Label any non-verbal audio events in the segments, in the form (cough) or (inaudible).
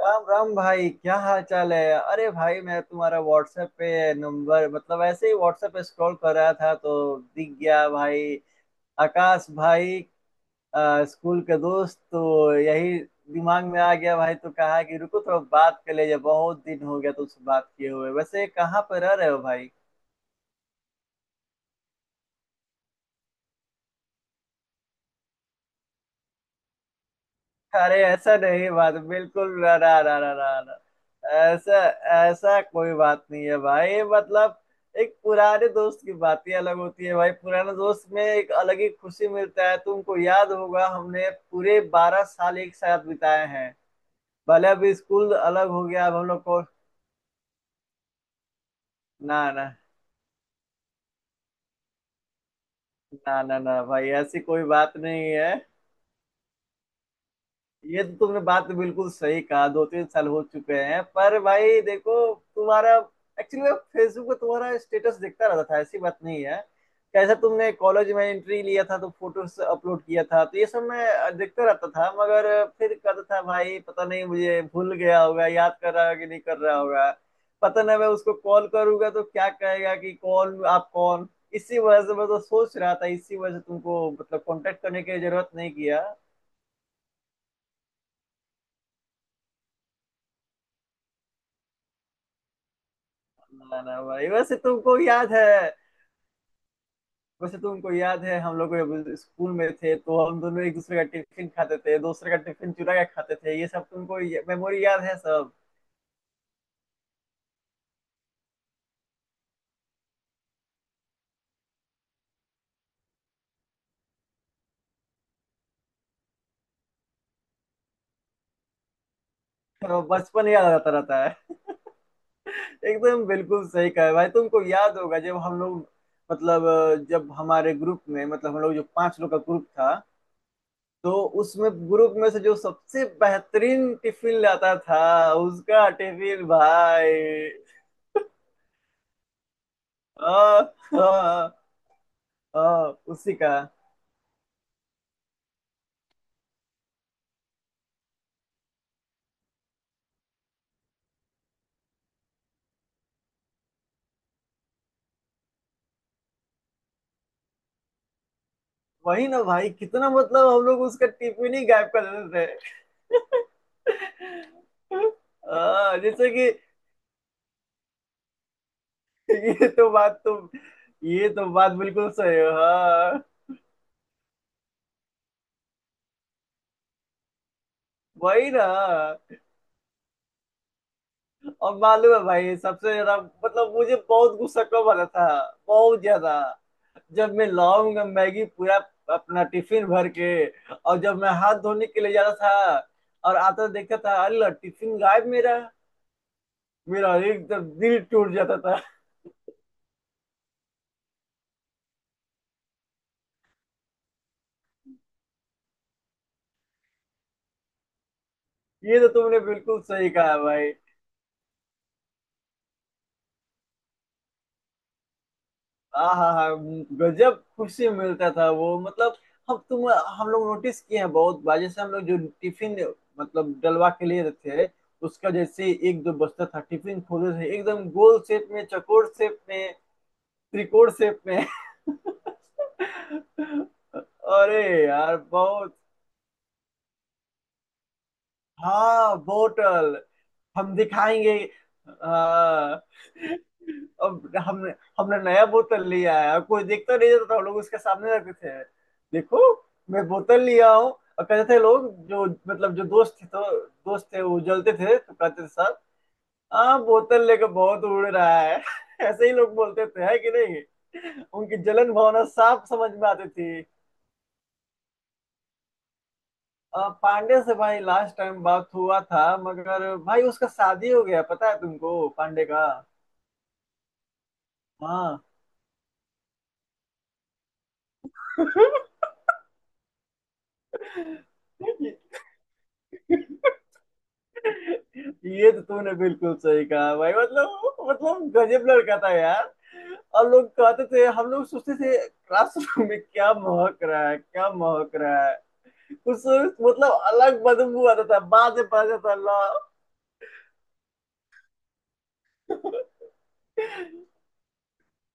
राम राम भाई, क्या हाल चाल है। अरे भाई, मैं तुम्हारा व्हाट्सएप पे नंबर, मतलब ऐसे ही व्हाट्सएप पे स्क्रॉल कर रहा था तो दिख गया भाई। आकाश भाई। स्कूल के दोस्त तो यही दिमाग में आ गया भाई। तो कहा कि रुको, थोड़ा बात कर ले, बहुत दिन हो गया तुमसे बात किए हुए। वैसे कहाँ पर रह रहे हो भाई? अरे ऐसा नहीं, बात बिल्कुल ना ना ना ना ना ना। ऐसा, ऐसा कोई बात नहीं है भाई। मतलब एक पुराने दोस्त की बात ही अलग होती है भाई। पुराने दोस्त में एक अलग ही खुशी मिलता है। तुमको याद होगा, हमने पूरे 12 साल एक साथ बिताए हैं। भले अब स्कूल अलग हो गया, अब हम लोग को। ना ना ना ना ना भाई, ऐसी कोई बात नहीं है। ये तो तुमने बात बिल्कुल सही कहा, 2-3 साल हो चुके हैं। पर भाई देखो, तुम्हारा, एक्चुअली मैं फेसबुक पे तुम्हारा स्टेटस देखता रहता था, ऐसी बात नहीं है। कैसा तुमने कॉलेज में एंट्री लिया था तो फोटोस अपलोड किया था, तो ये सब मैं देखता रहता था। मगर फिर कहता था भाई पता नहीं, मुझे भूल गया होगा, याद कर रहा होगा कि नहीं कर रहा होगा। पता नहीं मैं उसको कॉल करूंगा तो क्या कहेगा कि कौन, आप कौन। इसी वजह से मैं तो सोच रहा था, इसी वजह से तुमको मतलब कांटेक्ट करने की जरूरत नहीं किया। ना ना भाई, वैसे तुमको याद है, वैसे तुमको याद है, हम लोग जब स्कूल में थे तो हम दोनों एक दूसरे का टिफिन खाते थे, दूसरे का टिफिन चुरा के खाते थे? ये सब तुमको मेमोरी याद है सब? तो बचपन याद आता रहता है। एकदम बिल्कुल सही कहा है भाई। तुमको याद होगा, जब हम लोग, मतलब जब हमारे ग्रुप में, मतलब हम लोग जो 5 लोग का ग्रुप था, तो उसमें ग्रुप में से जो सबसे बेहतरीन टिफिन लाता था उसका टिफिन भाई। आ, आ, आ, उसी का। वही ना भाई, कितना मतलब हम लोग उसका टिफिन ही गायब कर देते थे। हाँ, जैसे कि (laughs) ये तो बात तुम, ये तो बात बिल्कुल सही है, हाँ। वही ना। और मालूम है भाई, सबसे ज्यादा, मतलब मुझे बहुत गुस्सा कब आता था, बहुत ज्यादा? जब मैं लाऊंगा मैगी पूरा, अपना टिफिन भर के, और जब मैं हाथ धोने के लिए जाता था और आता देखता था, अल्लाह, टिफिन गायब मेरा। मेरा एकदम दिल टूट जाता था। ये तो तुमने बिल्कुल सही कहा भाई। हाँ हाँ हाँ। गजब खुशी मिलता था वो। मतलब हम तुम, हम लोग नोटिस किए हैं बहुत बार। जैसे हम लोग जो टिफिन मतलब डलवा के लिए थे, उसका, जैसे 1-2 बस्ता था टिफिन, खोले थे एकदम गोल शेप में, चौकोर शेप में, त्रिकोण शेप में। (laughs) अरे यार बहुत, हाँ, बोतल, हम दिखाएंगे। हाँ, अब हम, हमने नया बोतल लिया है। अब कोई देखता नहीं था तो हम लोग उसके सामने रखते थे। देखो, मैं बोतल लिया हूँ। और कहते थे लोग, जो मतलब जो दोस्त थे, तो दोस्त थे वो जलते थे, तो कहते थे, साहब हाँ बोतल लेकर बहुत उड़ रहा है। (laughs) ऐसे ही लोग बोलते थे, है कि नहीं? उनकी जलन भावना साफ समझ में आती थी। पांडे से भाई लास्ट टाइम बात हुआ था, मगर भाई उसका शादी हो गया, पता है तुमको पांडे का? हाँ, ये तो तूने बिल्कुल सही कहा भाई। मतलब मतलब गजब लड़का था यार। और लोग कहते थे, हम लोग सोचते थे, क्लासरूम में क्या महक रहा है, क्या महक रहा है, कुछ मतलब अलग बदबू आता था। बाद में पता चलता था, "ला,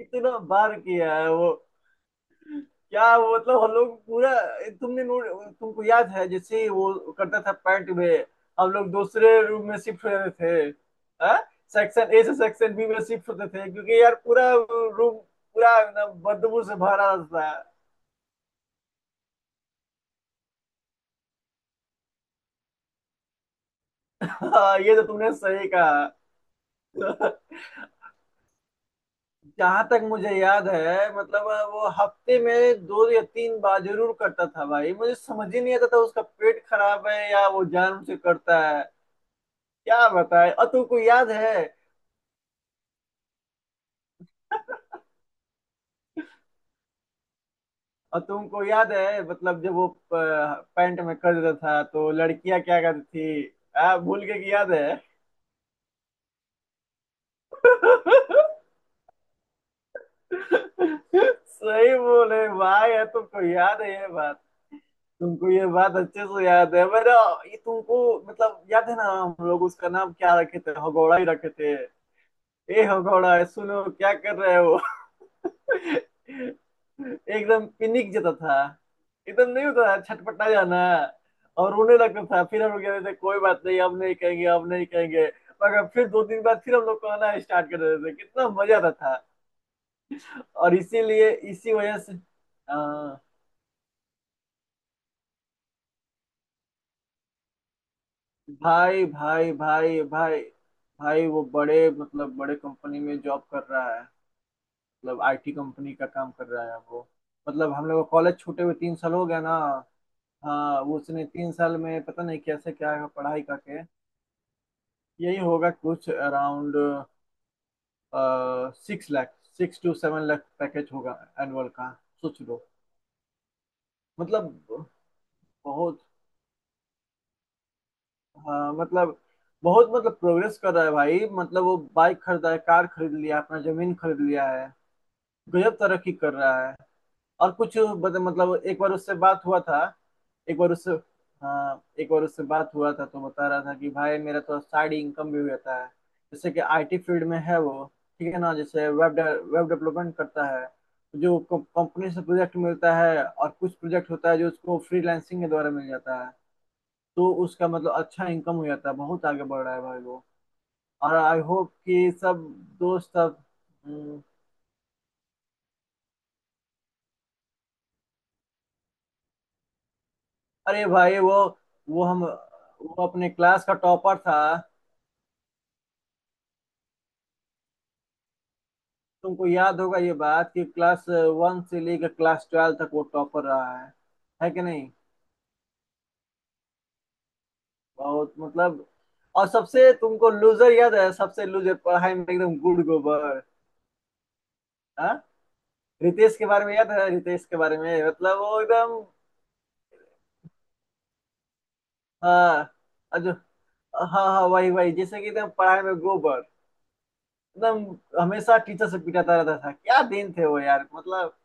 कितना बार किया है वो। क्या वो मतलब, हम लोग पूरा, तुमने नोट, तुमको याद है जैसे ही वो करता था पैंट में, हम लोग दूसरे रूम में शिफ्ट होते थे। हाँ, सेक्शन ए से सेक्शन बी में शिफ्ट होते थे, क्योंकि यार पूरा रूम, पूरा ना बदबू से भरा था। हाँ, ये तो तुमने सही कहा। (laughs) जहां तक मुझे याद है, मतलब वो हफ्ते में 2 या 3 बार जरूर करता था भाई। मुझे समझ ही नहीं आता था उसका पेट खराब है या वो जान से करता है। क्या बताए। और तुमको याद है, और तुमको याद है मतलब, जब वो पैंट में कर देता था तो लड़कियां क्या करती थी? भूल के की याद है? (laughs) सही बोले भाई। यार तुमको याद है ये बात? तुमको ये बात अच्छे से याद है। मेरा, ये तुमको मतलब याद है ना, हम लोग उसका नाम क्या रखे थे, हगौड़ा ही रखे थे। ए हगौड़ा, सुनो क्या कर रहे हो। एकदम पिनिक जाता था, एकदम नहीं होता था, छटपटा जाना, और रोने लगता था। फिर हम लोग कहते थे कोई बात नहीं, हम नहीं कहेंगे, हम नहीं कहेंगे। मगर फिर 2-3 बार फिर हम लोग कहना स्टार्ट कर देते थे, कितना मजा आता था। और इसीलिए, इसी वजह से। हाँ, भाई भाई भाई भाई। भाई वो बड़े, मतलब बड़े कंपनी में जॉब कर रहा है। मतलब आईटी कंपनी का काम कर रहा है वो। मतलब हम लोग कॉलेज छूटे हुए 3 साल हो गया ना। हाँ, उसने 3 साल में पता नहीं कैसे क्या पढ़ाई करके, यही होगा कुछ अराउंड 6 लाख, 6-7 लाख पैकेज होगा एनुअल का। सोच लो। मतलब बहुत, हाँ मतलब बहुत मतलब प्रोग्रेस कर रहा है भाई। मतलब वो बाइक खरीदा है, कार खरीद लिया, अपना जमीन खरीद लिया है। गजब तरक्की कर रहा है। और कुछ मतलब एक बार उससे बात हुआ था। एक बार उससे, हाँ, एक बार उससे बात हुआ था तो बता रहा था कि भाई मेरा तो साइड इनकम भी रहता है। जैसे कि आईटी फील्ड में है वो, ठीक है ना, जैसे वेब, वेब डेवलपमेंट करता है। जो कंपनी से प्रोजेक्ट मिलता है और कुछ प्रोजेक्ट होता है जो उसको फ्रीलांसिंग के द्वारा मिल जाता है। तो उसका मतलब अच्छा इनकम हो जाता है। बहुत आगे बढ़ रहा है भाई वो। और आई होप कि सब दोस्त सब। हम्म, अरे भाई वो हम, वो अपने क्लास का टॉपर था। तुमको याद होगा ये बात कि क्लास 1 से लेकर क्लास 12 तक वो टॉपर रहा है कि नहीं? बहुत मतलब। और सबसे तुमको लूजर याद है, सबसे लूजर पढ़ाई में एकदम गुड़ गोबर? हाँ, रितेश के बारे में याद है? रितेश के बारे में मतलब वो एकदम, हाँ, अजो, हाँ हाँ, वही वही, जैसे कि एकदम पढ़ाई में गोबर एकदम, हमेशा टीचर से पिटाता रहता था। क्या दिन थे वो यार, मतलब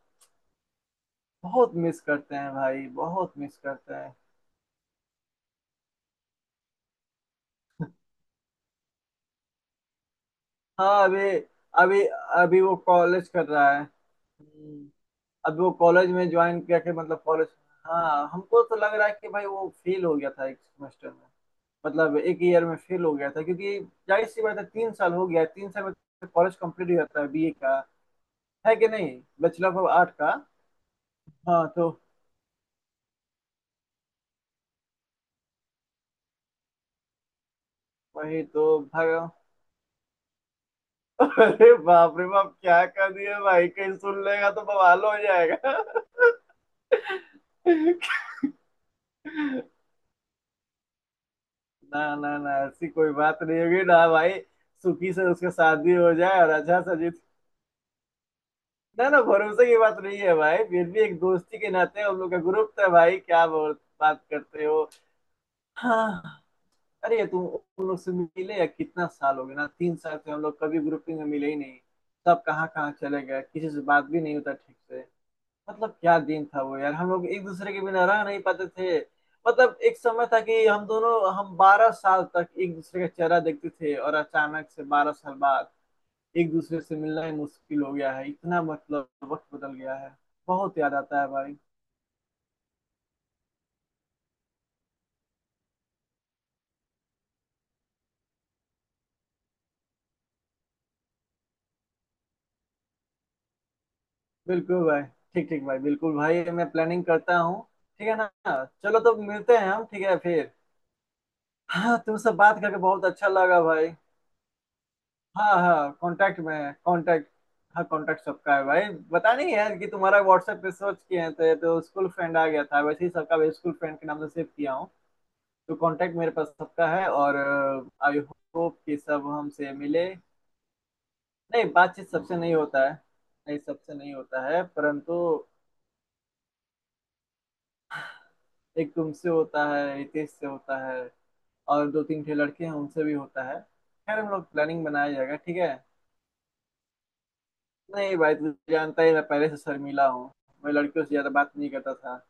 बहुत मिस करते हैं भाई, बहुत मिस करते हैं। हाँ अभी, अभी, अभी वो कॉलेज कर रहा है। हम्म, अब वो कॉलेज में ज्वाइन करके मतलब कॉलेज, हाँ हमको तो लग रहा है कि भाई वो फेल हो गया था एक सेमेस्टर में, मतलब एक ईयर में फेल हो गया था क्योंकि जाहिर सी बात है, 3 साल हो गया है, 3 साल में कॉलेज कंप्लीट हो जाता है बीए का, है कि नहीं? बैचलर ऑफ आर्ट का। हाँ तो। वही तो भाई, अरे बाप रे बाप, क्या कर दिया भाई, कहीं सुन लेगा तो बवाल हो जाएगा। ना ना ना, ऐसी कोई बात नहीं होगी ना भाई। सुखी से उसका शादी हो जाए और अच्छा सा जीत। ना ना, भरोसे की बात नहीं है भाई, फिर भी एक दोस्ती के नाते हम लोग का ग्रुप था भाई, क्या बोल बात करते हो। हाँ। अरे तुम उन लोग से मिले या? कितना साल हो गया ना, 3 साल से हम लोग कभी ग्रुपिंग में मिले ही नहीं। सब कहाँ कहाँ चले गए, किसी से बात भी नहीं होता ठीक से। मतलब क्या दिन था वो यार, हम लोग एक दूसरे के बिना रह नहीं पाते थे। मतलब एक समय था कि हम दोनों, हम 12 साल तक एक दूसरे का चेहरा देखते थे, और अचानक से 12 साल बाद एक दूसरे से मिलना ही मुश्किल हो गया है। इतना मतलब वक्त बदल गया है। बहुत याद आता है भाई। बिल्कुल भाई। ठीक ठीक भाई, बिल्कुल भाई, मैं प्लानिंग करता हूँ, ठीक है ना। चलो तो मिलते हैं हम, ठीक है फिर। हाँ, तुमसे बात करके बहुत अच्छा लगा भाई। हाँ हाँ, कांटेक्ट में है, कांटेक्ट, हाँ, कांटेक्ट सबका है भाई। पता नहीं यार कि तुम्हारा व्हाट्सएप पे सर्च किए हैं तो ये तो स्कूल फ्रेंड आ गया था, वैसे ही सबका भी स्कूल फ्रेंड के नाम से सेव किया हूँ। तो कांटेक्ट मेरे पास सबका है। और आई होप कि सब हमसे मिले। नहीं, बातचीत सबसे नहीं होता है। नहीं, सबसे नहीं होता है, परंतु एक तुमसे होता है, रितेश से होता है, और 2-3 ठे लड़के हैं उनसे भी होता है। खैर हम लोग प्लानिंग बनाया जाएगा, ठीक है। नहीं भाई, तू जानता ही, मैं पहले से शर्मीला हूँ। मैं लड़कियों से ज्यादा बात नहीं करता था।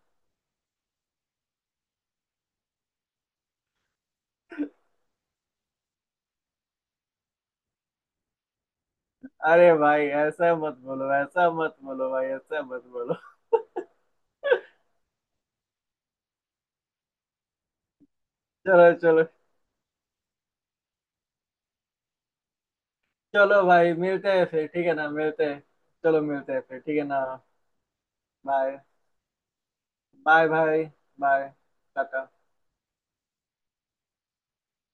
अरे भाई ऐसा मत बोलो, ऐसा मत बोलो भाई, ऐसा मत बोलो। (laughs) चलो चलो, चलो भाई मिलते हैं फिर, ठीक है ना, मिलते हैं। चलो मिलते हैं फिर, ठीक है ना। बाय। बाय भाई। बाय। टाटा।